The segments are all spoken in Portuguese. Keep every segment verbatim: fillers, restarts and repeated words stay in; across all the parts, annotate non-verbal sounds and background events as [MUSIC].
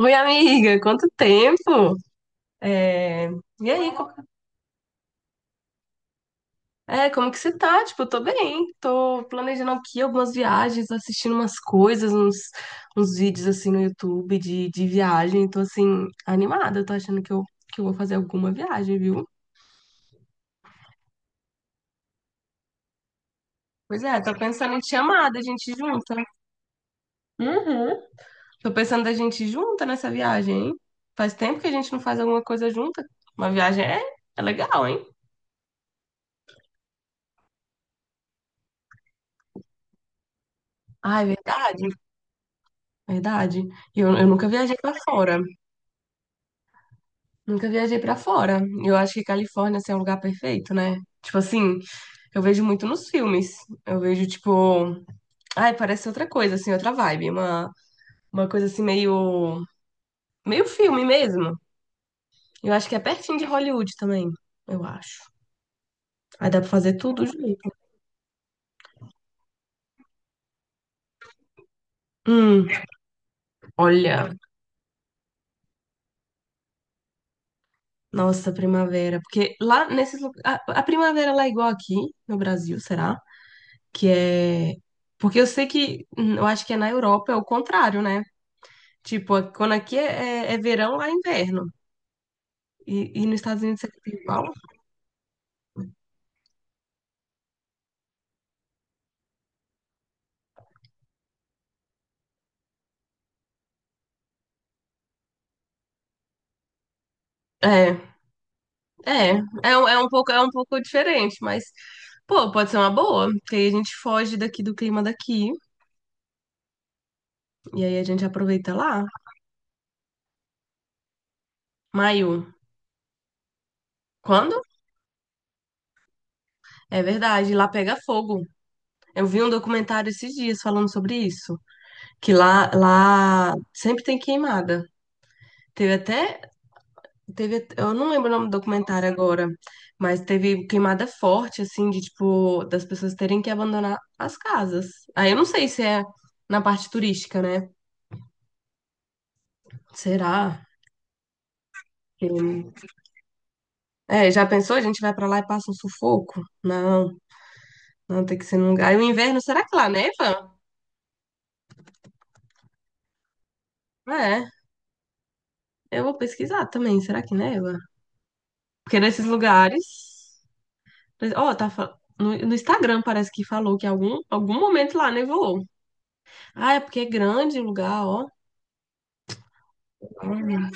Oi, amiga, quanto tempo? É, E aí, co- é, como que você tá? Tipo, eu tô bem, tô planejando aqui algumas viagens, assistindo umas coisas, uns, uns vídeos assim no YouTube de, de viagem, tô assim, animada, tô achando que eu, que eu vou fazer alguma viagem, viu? Pois é, tô pensando em te chamar, da gente ir junta. Uhum. Tô pensando da gente ir junta nessa viagem, hein? Faz tempo que a gente não faz alguma coisa junta. Uma viagem é, é legal, hein? Ah, é verdade. Verdade. E Eu, eu nunca viajei pra fora. Nunca viajei pra fora. Eu acho que Califórnia, assim, é um lugar perfeito, né? Tipo assim, eu vejo muito nos filmes. Eu vejo, tipo. Ai, parece outra coisa, assim, outra vibe. Uma, uma coisa assim, meio. Meio filme mesmo. Eu acho que é pertinho de Hollywood também. Eu acho. Aí dá pra fazer tudo junto. Hum, olha. Nossa, primavera. Porque lá nesses lugares. A, a primavera lá é igual aqui no Brasil, será? Que é. Porque eu sei que. hum, Eu acho que é na Europa é o contrário, né? Tipo, a- quando aqui é, é- é verão, lá é inverno. E, e nos Estados Unidos é igual. É, é. É, um- é um pouco, é um pouco diferente, mas. Pô, pode ser uma boa, porque aí a gente foge daqui do clima daqui e aí a gente aproveita lá. Maio, quando? É verdade, lá pega fogo. Eu vi um documentário esses dias falando sobre isso, que lá, lá sempre tem queimada. Teve até Teve, eu não lembro o nome do documentário agora, mas teve queimada forte, assim, de tipo, das pessoas terem que abandonar as casas. Aí eu não sei se é na parte turística, né? Será? que- É, já pensou? A gente vai pra lá e passa um sufoco? Não, não tem que ser num lugar. Aí o inverno, será que lá neva? É, eu vou pesquisar também, será que neva? Porque nesses lugares. Ó, tá. fa- No, no Instagram parece que falou que algum, algum momento lá nevou. Ah, é porque é grande o lugar, ó. Olha,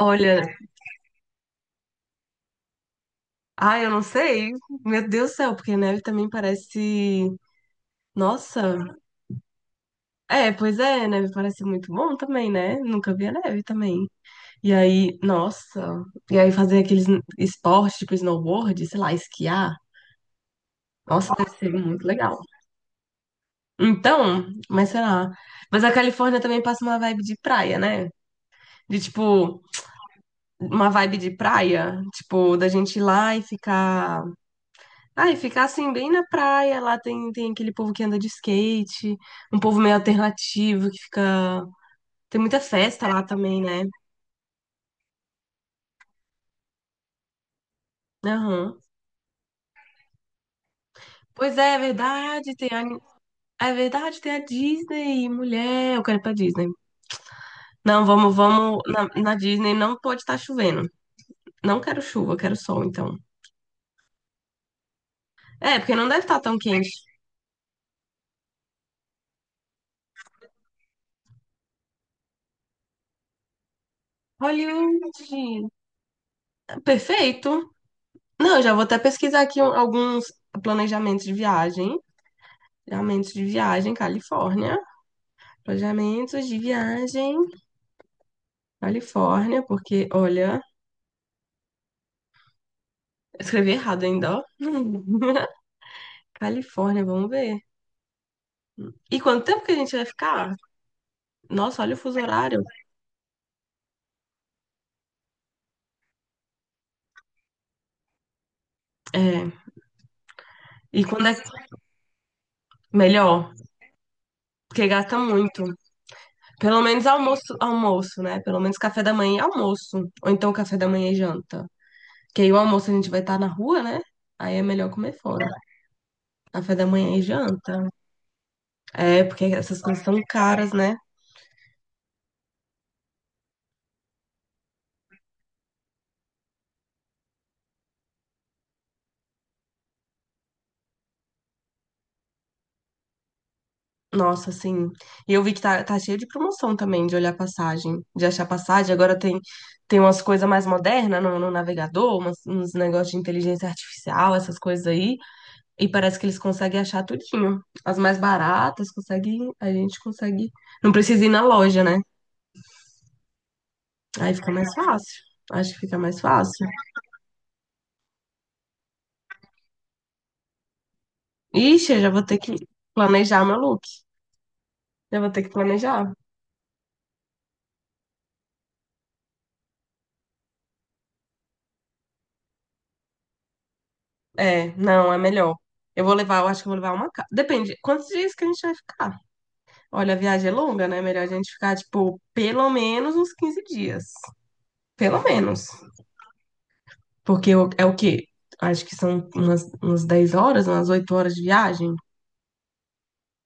olha, ai, eu não sei. Meu Deus do céu, porque neve também parece. Nossa, é, pois é, neve parece muito bom também, né? Nunca vi a neve também. E aí, nossa, e aí fazer aqueles esportes tipo snowboard, sei lá, esquiar. Nossa, deve ser muito legal. Então, mas sei lá. Mas a Califórnia também passa uma vibe de praia, né? De tipo, uma vibe de praia, tipo, da gente ir lá e ficar. Ah, e ficar assim bem na praia, lá tem, tem aquele povo que anda de skate, um povo meio alternativo que fica. Tem muita festa lá também, né? Aham. Pois é, é verdade, tem a... é verdade, tem a Disney, mulher, eu quero ir pra Disney. Não, vamos, vamos, na, na Disney não pode estar chovendo. Não quero chuva, quero sol, então. É, porque não deve estar tão quente. Hollywood, perfeito. Não, eu já vou até pesquisar aqui um- alguns planejamentos de viagem. Planejamentos de viagem, Califórnia. Planejamentos de viagem, Califórnia, porque, olha, eu escrevi errado ainda, ó. [LAUGHS] Califórnia, vamos ver. E quanto tempo que a gente vai ficar? Nossa, olha o fuso horário. É, e quando é melhor? Porque gasta muito. Pelo menos almoço, almoço, né? Pelo menos café da manhã e almoço. Ou então café da manhã e janta. Que aí o almoço a gente vai estar na rua, né? Aí é melhor comer fora. Café da manhã e janta. É, porque essas coisas são caras, né? Nossa, sim. E eu vi que tá, tá cheio de promoção também, de olhar passagem, de achar passagem. Agora tem, tem umas coisas mais modernas no, no navegador, umas, uns negócios de inteligência artificial, essas coisas aí. E parece que eles conseguem achar tudinho. As mais baratas, conseguem, a gente consegue. Não precisa ir na loja, né? Aí fica mais fácil. Acho que fica mais fácil. Ixi, eu já vou ter que planejar meu look. Já vou ter que planejar. É, não, é melhor. Eu vou levar, eu acho que eu vou levar uma. ca- Depende, quantos dias que a gente vai ficar? Olha, a viagem é longa, né? Melhor a gente ficar, tipo, pelo menos uns quinze dias. Pelo menos. Porque o- é o quê? Acho que são umas, umas dez horas, umas oito horas de viagem.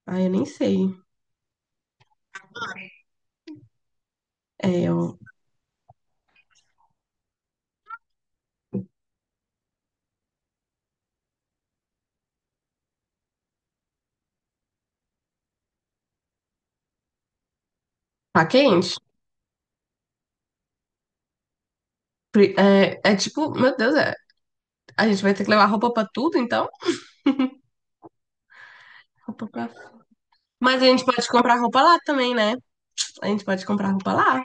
Ah, eu nem sei. É, ó, tá quente? Pre- É, é tipo, meu Deus, é, a gente vai ter que levar roupa pra tudo, então? Roupa pra... Mas a gente pode comprar roupa lá também, né? A gente pode comprar roupa lá.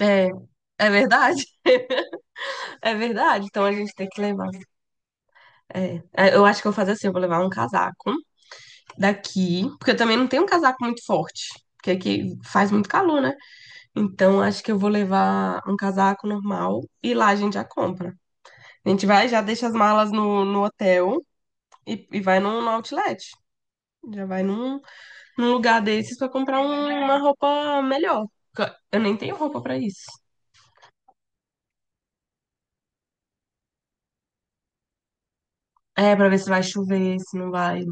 É, é verdade. [LAUGHS] É verdade. Então a gente tem que levar. É, É, eu acho que eu vou fazer assim, eu vou levar um casaco daqui, porque eu também não tenho um casaco muito forte, porque aqui faz muito calor, né? Então acho que eu vou levar um casaco normal e lá a gente já compra. A gente vai, já deixa as malas no, no hotel e, e vai no, no outlet. Já vai num, num lugar desses pra comprar um- uma roupa melhor. Porque Eu nem tenho roupa pra isso. É, pra ver se vai chover, se não vai.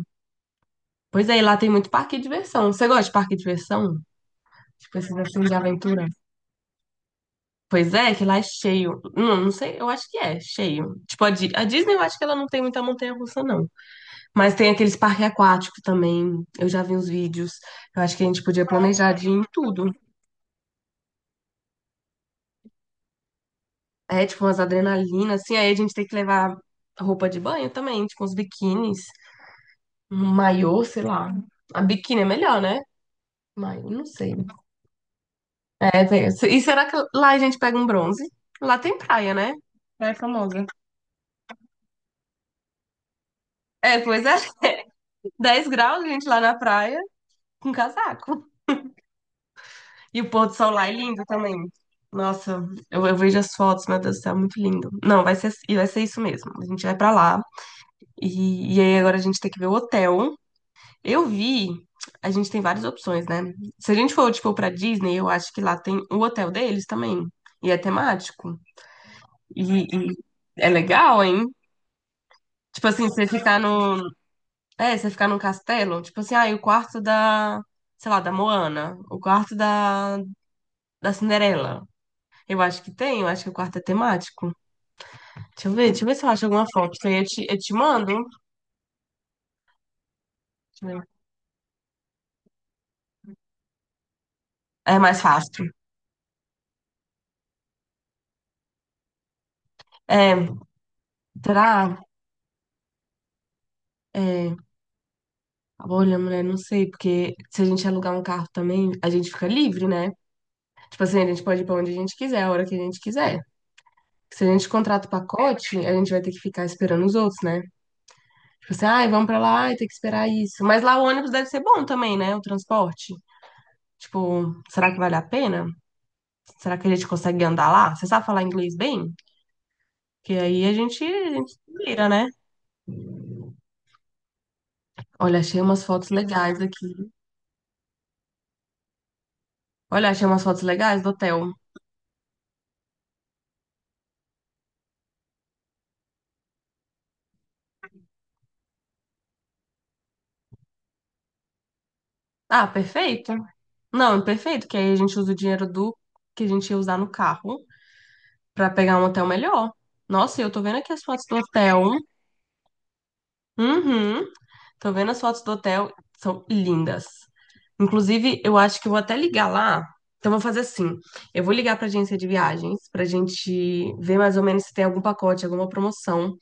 Pois é, e lá tem muito parque de diversão. Você gosta de parque de diversão? Tipo esses assim de aventura? Pois é, que lá é cheio. Não, não sei, eu acho que é cheio. Tipo, a, Di- a Disney eu acho que ela não tem muita montanha-russa, não. Mas tem aqueles parques aquáticos também. Eu já vi uns vídeos. Eu acho que a gente podia planejar de ir em tudo. É, tipo, umas adrenalinas, assim. Aí a gente tem que levar roupa de banho também, tipo, uns biquínis, um maiô, sei lá. A biquíni é melhor, né? Mas não sei. É, tem- e será que lá a gente pega um bronze? Lá tem praia, né? Praia famosa. É, pois é. [LAUGHS] Dez graus, gente, lá na praia. Com casaco. E o pôr do sol lá é lindo também. Nossa, eu, eu vejo as fotos, meu Deus do céu, muito lindo. Não, vai ser, e vai ser isso mesmo. A gente vai pra lá. E, e aí agora a gente tem que ver o hotel. Eu vi, a gente tem várias opções, né? Se a gente for, tipo, pra Disney, eu acho que lá tem o hotel deles também. E é temático. E, e é legal, hein? Tipo assim, você ficar no. É, você ficar num castelo. Tipo assim, ah, e o quarto da. Sei lá, da Moana. O quarto da, da Cinderela. Eu acho que tem, eu acho que é o quarto é temático. Deixa eu ver, deixa eu ver se eu acho alguma foto. Isso aí eu te, eu te mando. Deixa eu ver. É mais fácil. É, será? É, olha, mulher, não sei, porque se a gente alugar um carro também, a gente fica livre, né? Tipo assim, a gente pode ir pra onde a gente quiser, a hora que a gente quiser. Se a gente contrata o pacote, a gente vai ter que ficar esperando os outros, né? Tipo assim, ai, vamos pra lá, ai, tem que esperar isso. Mas lá o ônibus deve ser bom também, né? O transporte. Tipo, será que vale a pena? Será que a gente consegue andar lá? Você sabe falar inglês bem? Que aí a gente, a gente se vira, né? Olha, achei umas fotos legais aqui. Olha, achei umas fotos legais do hotel. Ah, perfeito. Não, perfeito, que aí a gente usa o dinheiro do que a gente ia usar no carro pra pegar um hotel melhor. Nossa, e eu tô vendo aqui as fotos do hotel. Uhum. Tô vendo as fotos do hotel, são lindas. Inclusive, eu acho que eu vou até ligar lá. Então, vou fazer assim: eu vou ligar pra agência de viagens pra gente ver mais ou menos se tem algum pacote, alguma promoção.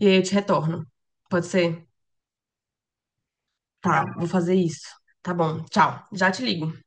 E aí eu te retorno. Pode ser? Tá Tá, vou fazer isso. Tá bom, tchau. Já te ligo.